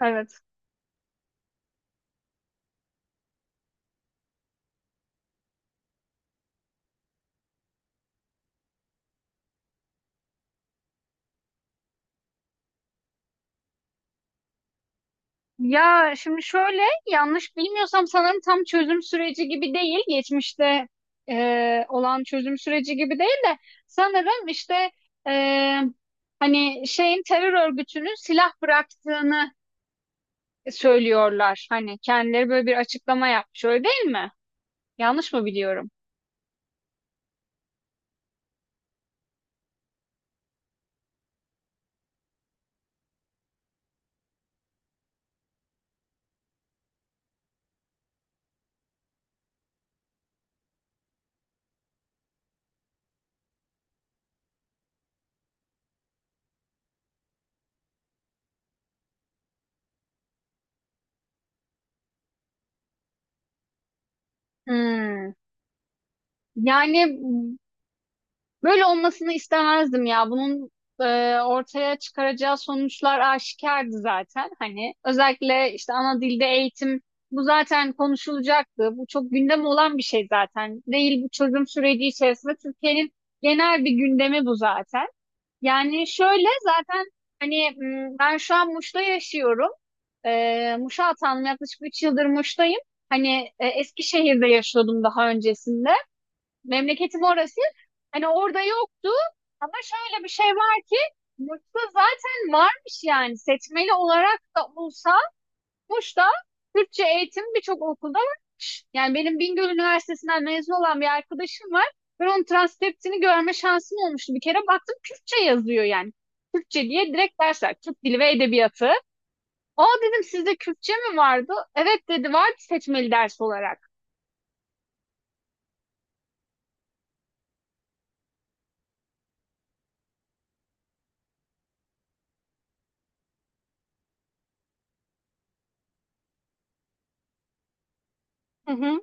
Evet. Ya şimdi şöyle, yanlış bilmiyorsam sanırım tam çözüm süreci gibi değil. Geçmişte olan çözüm süreci gibi değil de sanırım işte e, hani şeyin terör örgütünün silah bıraktığını söylüyorlar. Hani kendileri böyle bir açıklama yapmış, öyle değil mi? Yanlış mı biliyorum? Hmm. Yani böyle olmasını istemezdim ya. Bunun ortaya çıkaracağı sonuçlar aşikardı zaten. Hani özellikle işte ana dilde eğitim bu zaten konuşulacaktı. Bu çok gündem olan bir şey zaten. Değil bu çözüm süreci içerisinde, Türkiye'nin genel bir gündemi bu zaten. Yani şöyle, zaten hani ben şu an Muş'ta yaşıyorum. Muş'a atandım, yaklaşık 3 yıldır Muş'tayım. Hani Eskişehir'de yaşıyordum daha öncesinde. Memleketim orası. Hani orada yoktu ama şöyle bir şey var ki, Muş'ta zaten varmış. Yani seçmeli olarak da olsa Muş'ta Türkçe eğitim birçok okulda varmış. Yani benim Bingöl Üniversitesi'nden mezun olan bir arkadaşım var. Ben onun transkriptini görme şansım olmuştu. Bir kere baktım, Kürtçe yazıyor yani. Kürtçe diye direkt dersler. Türk Dili ve Edebiyatı. Aa dedim, sizde Kürtçe mi vardı? Evet dedi, vardı seçmeli ders olarak. Hı hı.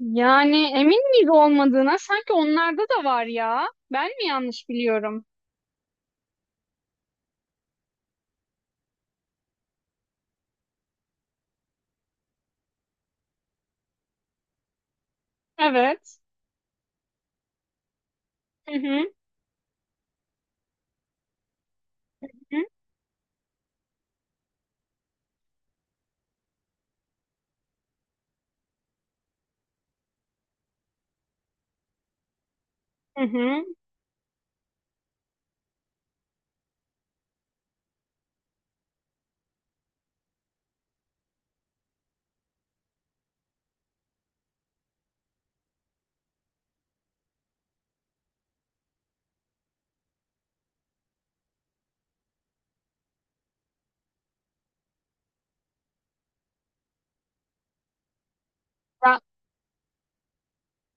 Yani emin miyiz olmadığına? Sanki onlarda da var ya. Ben mi yanlış biliyorum? Evet. Hı hı. Hı hı. Hı hı.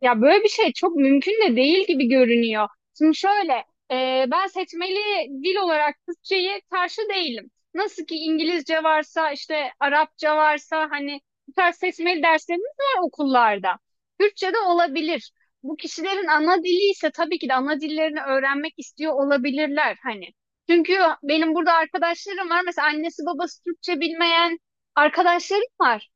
Ya böyle bir şey çok mümkün de değil gibi görünüyor. Şimdi şöyle, ben seçmeli dil olarak Türkçeyi karşı değilim. Nasıl ki İngilizce varsa, işte Arapça varsa, hani bu tarz seçmeli derslerimiz var okullarda. Türkçe de olabilir. Bu kişilerin ana dili ise tabii ki de ana dillerini öğrenmek istiyor olabilirler hani. Çünkü benim burada arkadaşlarım var. Mesela annesi babası Türkçe bilmeyen arkadaşlarım var.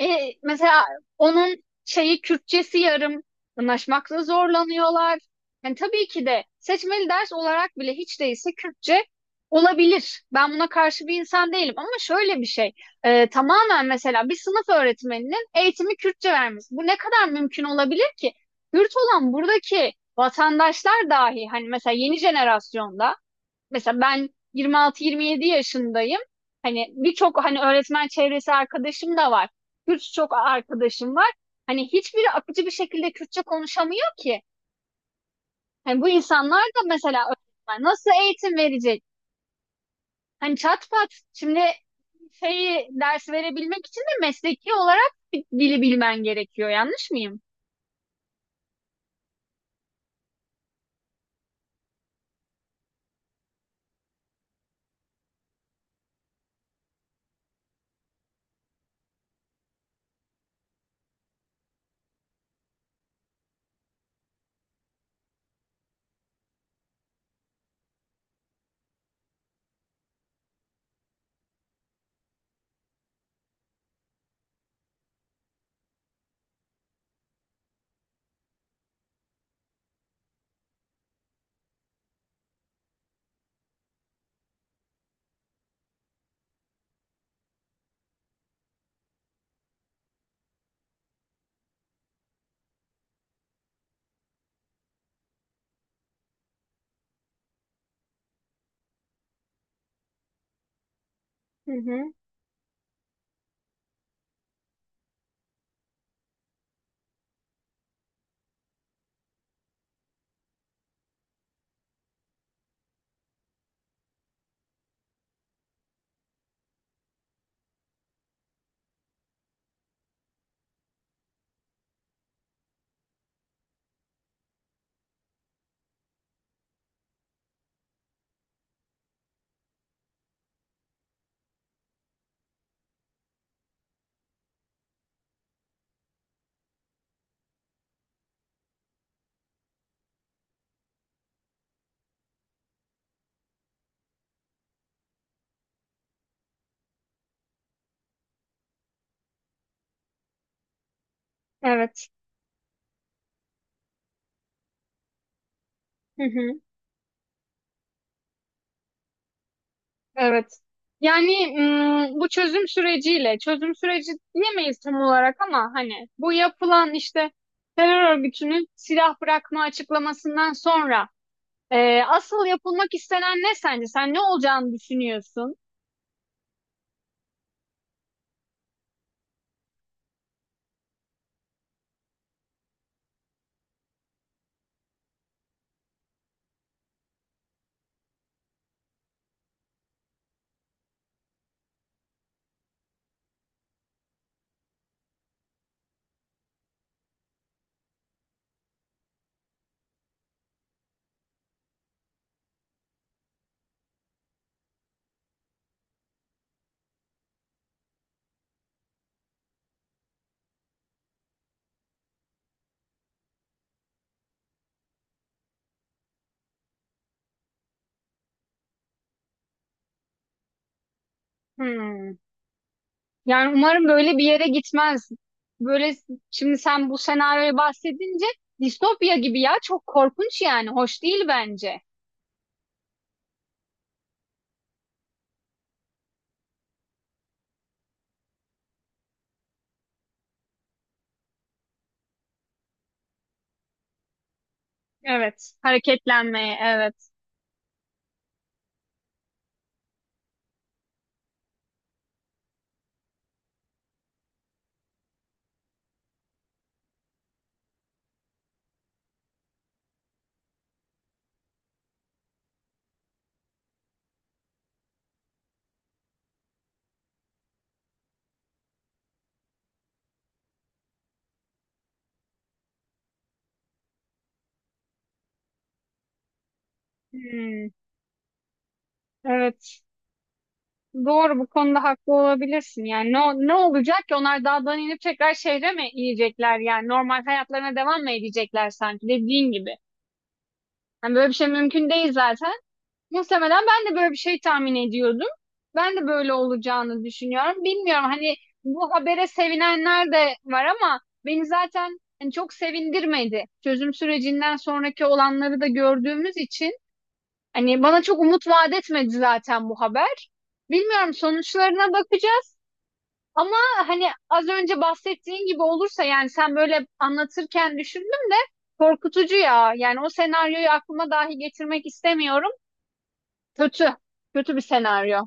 Mesela onun şeyi Kürtçesi yarım, anlaşmakta zorlanıyorlar. Yani tabii ki de seçmeli ders olarak bile hiç değilse Kürtçe olabilir. Ben buna karşı bir insan değilim, ama şöyle bir şey. Tamamen mesela bir sınıf öğretmeninin eğitimi Kürtçe vermesi. Bu ne kadar mümkün olabilir ki? Kürt olan buradaki vatandaşlar dahi hani, mesela yeni jenerasyonda, mesela ben 26-27 yaşındayım. Hani birçok hani öğretmen çevresi arkadaşım da var. Kürtçe çok arkadaşım var. Hani hiçbiri akıcı bir şekilde Kürtçe konuşamıyor ki. Hani bu insanlar da mesela öğretmen nasıl eğitim verecek? Hani çat pat, şimdi şeyi ders verebilmek için de mesleki olarak bir dili bilmen gerekiyor. Yanlış mıyım? Hı hı. Evet. Hı hı. Evet. Yani bu çözüm süreciyle, çözüm süreci diyemeyiz tam olarak ama hani bu yapılan işte terör örgütünün silah bırakma açıklamasından sonra asıl yapılmak istenen ne sence? Sen ne olacağını düşünüyorsun? Hmm. Yani umarım böyle bir yere gitmez. Böyle, şimdi sen bu senaryoyu bahsedince, distopya gibi ya, çok korkunç yani, hoş değil bence. Evet. Hareketlenmeye, evet. Hmm. Evet. Doğru, bu konuda haklı olabilirsin. Yani ne, ne olacak ki? Onlar dağdan inip tekrar şehre mi inecekler? Yani normal hayatlarına devam mı edecekler sanki, dediğin gibi. Yani böyle bir şey mümkün değil zaten. Muhtemelen ben de böyle bir şey tahmin ediyordum. Ben de böyle olacağını düşünüyorum. Bilmiyorum, hani bu habere sevinenler de var ama beni zaten hani çok sevindirmedi. Çözüm sürecinden sonraki olanları da gördüğümüz için hani bana çok umut vaat etmedi zaten bu haber. Bilmiyorum, sonuçlarına bakacağız. Ama hani az önce bahsettiğin gibi olursa, yani sen böyle anlatırken düşündüm de, korkutucu ya. Yani o senaryoyu aklıma dahi getirmek istemiyorum. Kötü. Kötü bir senaryo.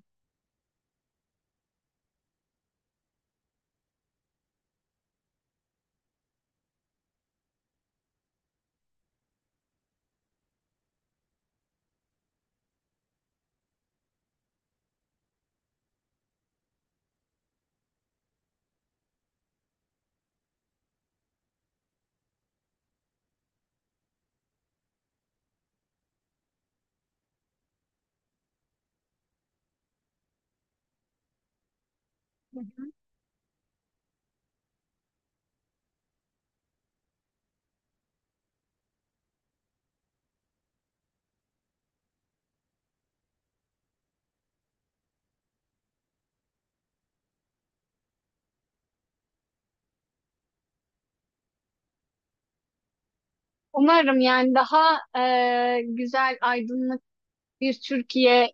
Hı hı. Umarım yani daha güzel, aydınlık bir Türkiye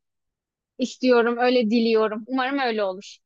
istiyorum. Öyle diliyorum. Umarım öyle olur.